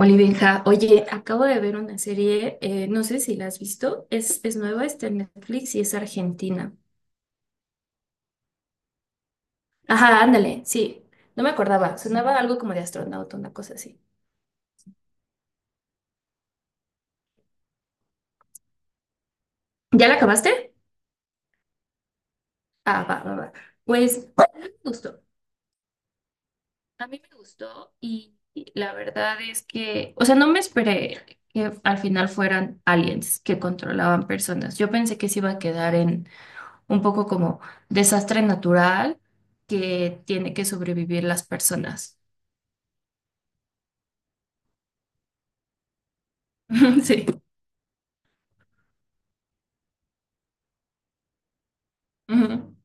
Hola, Benja. Oye, acabo de ver una serie, no sé si la has visto, es nueva, está en Netflix y es argentina. Ajá, ándale, sí, no me acordaba, sonaba algo como de astronauta, una cosa así. ¿Ya la acabaste? Ah, va, va, va. Pues a mí me gustó, a mí me gustó y la verdad es que, o sea, no me esperé que al final fueran aliens que controlaban personas. Yo pensé que se iba a quedar en un poco como desastre natural que tiene que sobrevivir las personas. Sí. Ujú.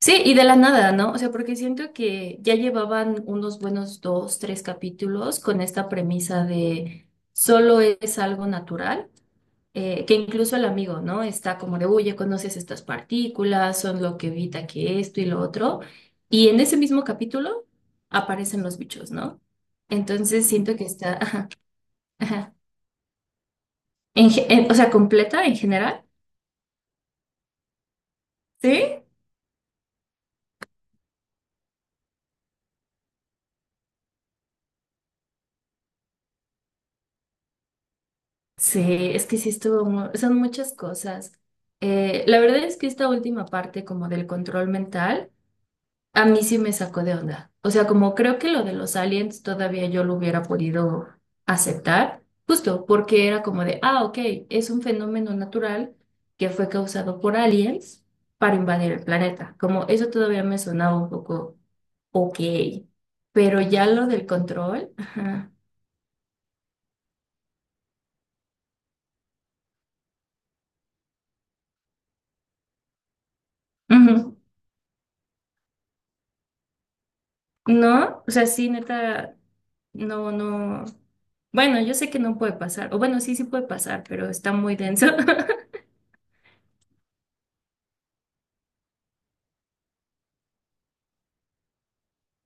Sí, y de la nada, ¿no? O sea, porque siento que ya llevaban unos buenos dos, tres capítulos con esta premisa de solo es algo natural, que incluso el amigo, ¿no? Está como de, oye, conoces estas partículas, son lo que evita que esto y lo otro. Y en ese mismo capítulo aparecen los bichos, ¿no? Entonces siento que está, ajá, ajá. O sea, completa en general. ¿Sí? Sí, es que sí estuvo, son muchas cosas. La verdad es que esta última parte como del control mental, a mí sí me sacó de onda. O sea, como creo que lo de los aliens todavía yo lo hubiera podido aceptar, justo porque era como de, ah, ok, es un fenómeno natural que fue causado por aliens para invadir el planeta. Como eso todavía me sonaba un poco ok, pero ya lo del control, ajá. Ujú. No, o sea, sí, neta, no, no. Bueno, yo sé que no puede pasar, o bueno, sí, sí puede pasar, pero está muy denso.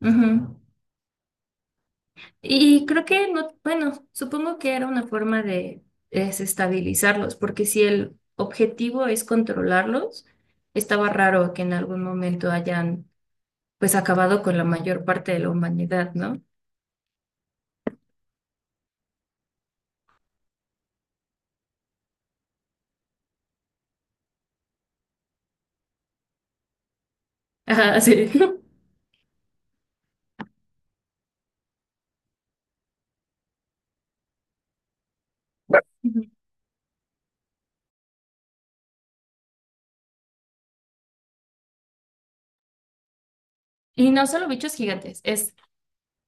Ujú. Y creo que no, bueno, supongo que era una forma de desestabilizarlos, porque si el objetivo es controlarlos, estaba raro que en algún momento hayan pues acabado con la mayor parte de la humanidad, ¿no? Ajá, sí. Ujú. Y no solo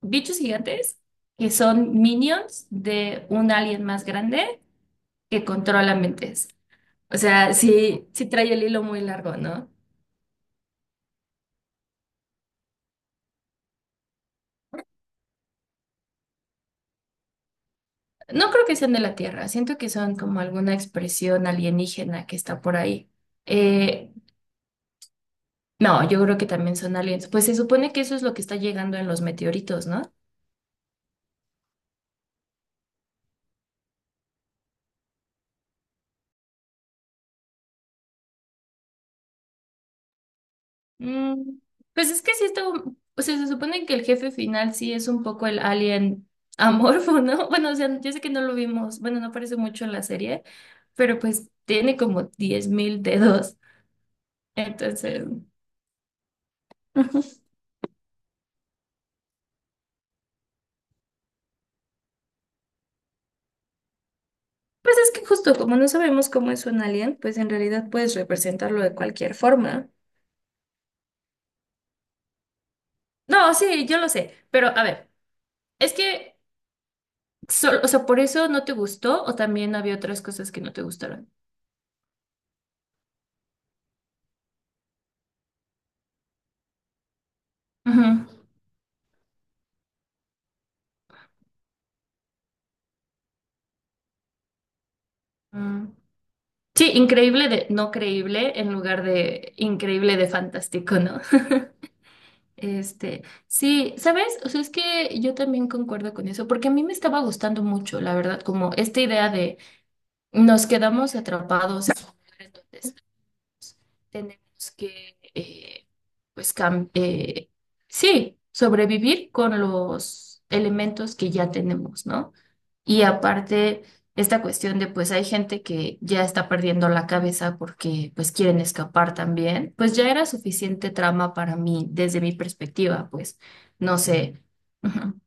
bichos gigantes que son minions de un alien más grande que controla mentes. O sea, sí, sí trae el hilo muy largo, ¿no? No creo que sean de la Tierra, siento que son como alguna expresión alienígena que está por ahí. Eh, no, yo creo que también son aliens. Pues se supone que eso es lo que está llegando en los meteoritos, ¿no? Mm, pues es que sí está, o sea, se supone que el jefe final sí es un poco el alien amorfo, ¿no? Bueno, o sea, yo sé que no lo vimos, bueno, no aparece mucho en la serie, pero pues tiene como 10,000 dedos. Entonces, Ujú. Pues es que justo como no sabemos cómo es un alien, pues en realidad puedes representarlo de cualquier forma. No, sí, yo lo sé, pero a ver, es que, o sea, ¿por eso no te gustó o también había otras cosas que no te gustaron? Ujú. Mm. Sí, increíble de no creíble en lugar de increíble de fantástico, ¿no? Este, sí, ¿sabes? O sea, es que yo también concuerdo con eso, porque a mí me estaba gustando mucho, la verdad, como esta idea de nos quedamos atrapados en un lugar en donde tenemos que, pues, sí, sobrevivir con los elementos que ya tenemos, ¿no? Y aparte, esta cuestión de, pues, hay gente que ya está perdiendo la cabeza porque, pues, quieren escapar también, pues ya era suficiente trama para mí, desde mi perspectiva, pues, no sé.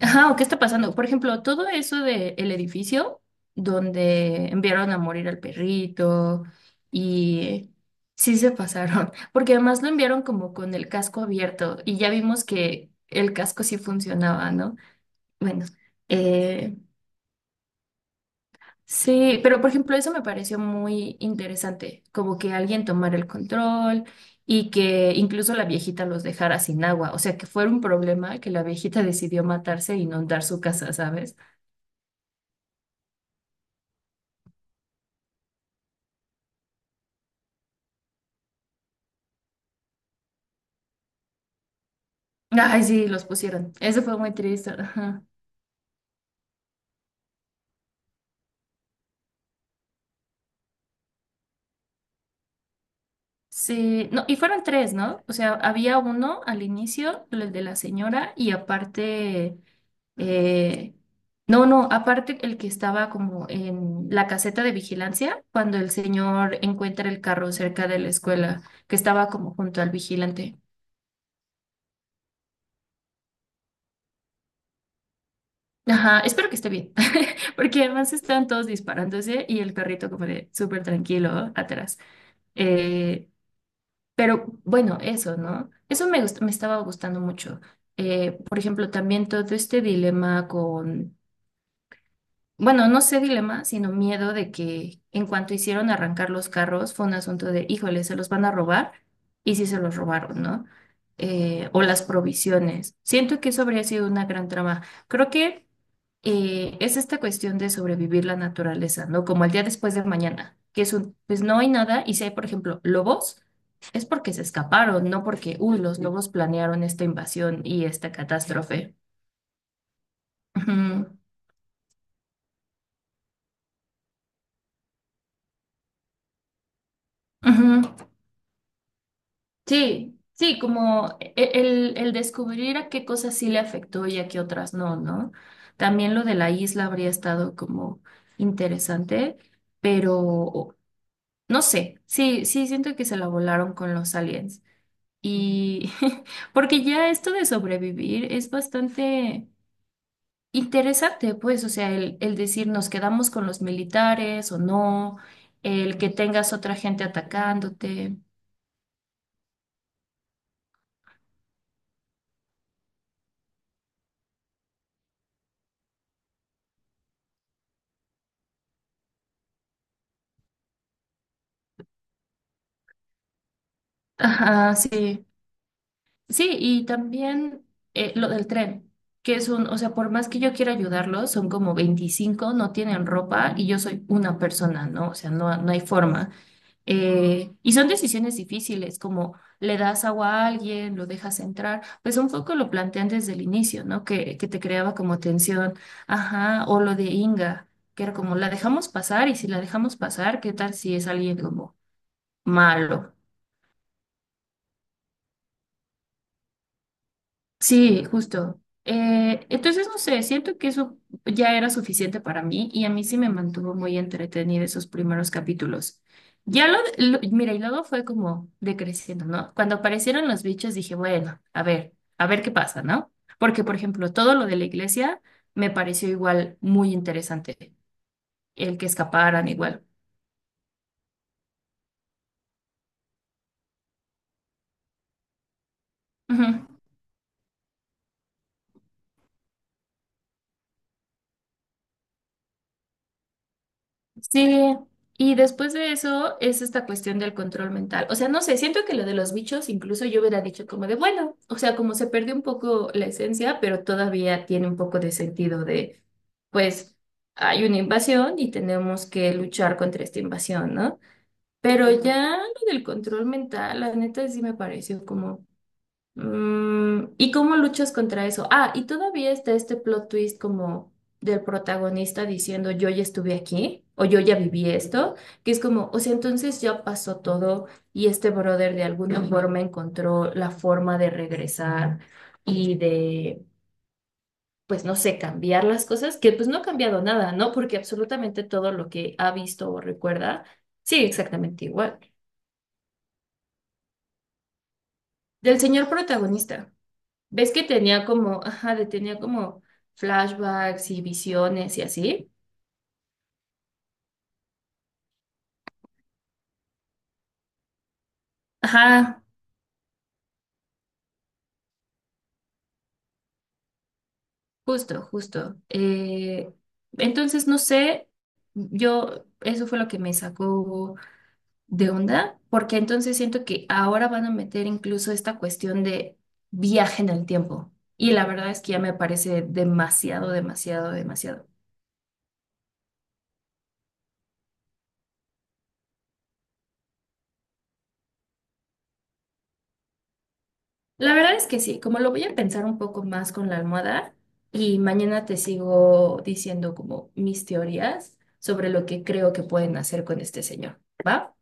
Ajá, ¿o qué está pasando? Por ejemplo, todo eso de el edificio donde enviaron a morir al perrito y sí se pasaron, porque además lo enviaron como con el casco abierto y ya vimos que el casco sí funcionaba, ¿no? Bueno, eh, sí, pero por ejemplo, eso me pareció muy interesante, como que alguien tomara el control y que incluso la viejita los dejara sin agua, o sea, que fuera un problema que la viejita decidió matarse e inundar su casa, ¿sabes? Ay, sí, los pusieron. Eso fue muy triste. Ajá. Sí, no, y fueron tres, ¿no? O sea, había uno al inicio, el de la señora, y aparte, eh, no, no, aparte el que estaba como en la caseta de vigilancia, cuando el señor encuentra el carro cerca de la escuela, que estaba como junto al vigilante. Ajá, espero que esté bien, porque además están todos disparándose y el carrito como de súper tranquilo, ¿no? Atrás. Eh, Pero bueno, eso, ¿no? Me estaba gustando mucho. Por ejemplo, también todo este dilema con, bueno, no sé dilema, sino miedo de que en cuanto hicieron arrancar los carros fue un asunto de, híjole, se los van a robar y sí se los robaron, ¿no? O las provisiones. Siento que eso habría sido una gran trama. Creo que es esta cuestión de sobrevivir la naturaleza, ¿no? Como el día después de mañana, que es un, pues no hay nada, y si hay, por ejemplo, lobos, es porque se escaparon, no porque, uy, los lobos planearon esta invasión y esta catástrofe. Ujú, ujú. Sí, sí, como el descubrir a qué cosas sí le afectó y a qué otras no, ¿no? También lo de la isla habría estado como interesante, pero no sé, sí, sí, siento que se la volaron con los aliens. Y porque ya esto de sobrevivir es bastante interesante, pues, o sea, el decir nos quedamos con los militares o no, el que tengas otra gente atacándote. Ajá, sí. Sí, y también lo del tren, que es un, o sea, por más que yo quiera ayudarlos, son como 25, no tienen ropa y yo soy una persona, ¿no? O sea, no, no hay forma. Y son decisiones difíciles, como le das agua a alguien, lo dejas entrar, pues un poco lo plantean desde el inicio, ¿no? Que te creaba como tensión, ajá, o lo de Inga, que era como, la dejamos pasar y si la dejamos pasar, ¿qué tal si es alguien como malo? Sí, justo. Entonces, no sé, siento que eso ya era suficiente para mí y a mí sí me mantuvo muy entretenida esos primeros capítulos. Mira, y luego fue como decreciendo, ¿no? Cuando aparecieron los bichos dije, bueno, a ver qué pasa, ¿no? Porque, por ejemplo, todo lo de la iglesia me pareció igual muy interesante, el que escaparan igual. Ujú. Sí, y después de eso es esta cuestión del control mental. O sea, no sé, siento que lo de los bichos incluso yo hubiera dicho como de, bueno, o sea, como se perdió un poco la esencia, pero todavía tiene un poco de sentido de, pues, hay una invasión y tenemos que luchar contra esta invasión, ¿no? Pero ya lo del control mental, la neta sí me pareció como... Mm, ¿y cómo luchas contra eso? Ah, y todavía está este plot twist como del protagonista diciendo yo ya estuve aquí o yo ya viví esto, que es como, o sea, entonces ya pasó todo y este brother de alguna Ujú. Forma encontró la forma de regresar y de, pues no sé, cambiar las cosas, que pues no ha cambiado nada, ¿no? Porque absolutamente todo lo que ha visto o recuerda sigue exactamente igual. Del señor protagonista. ¿Ves que tenía como, ajá, tenía como flashbacks y visiones y así? Ajá, justo, justo. Entonces, no sé, yo, eso fue lo que me sacó de onda, porque entonces siento que ahora van a meter incluso esta cuestión de viaje en el tiempo. Y la verdad es que ya me parece demasiado, demasiado, demasiado. La verdad es que sí, como lo voy a pensar un poco más con la almohada y mañana te sigo diciendo como mis teorías sobre lo que creo que pueden hacer con este señor, ¿va?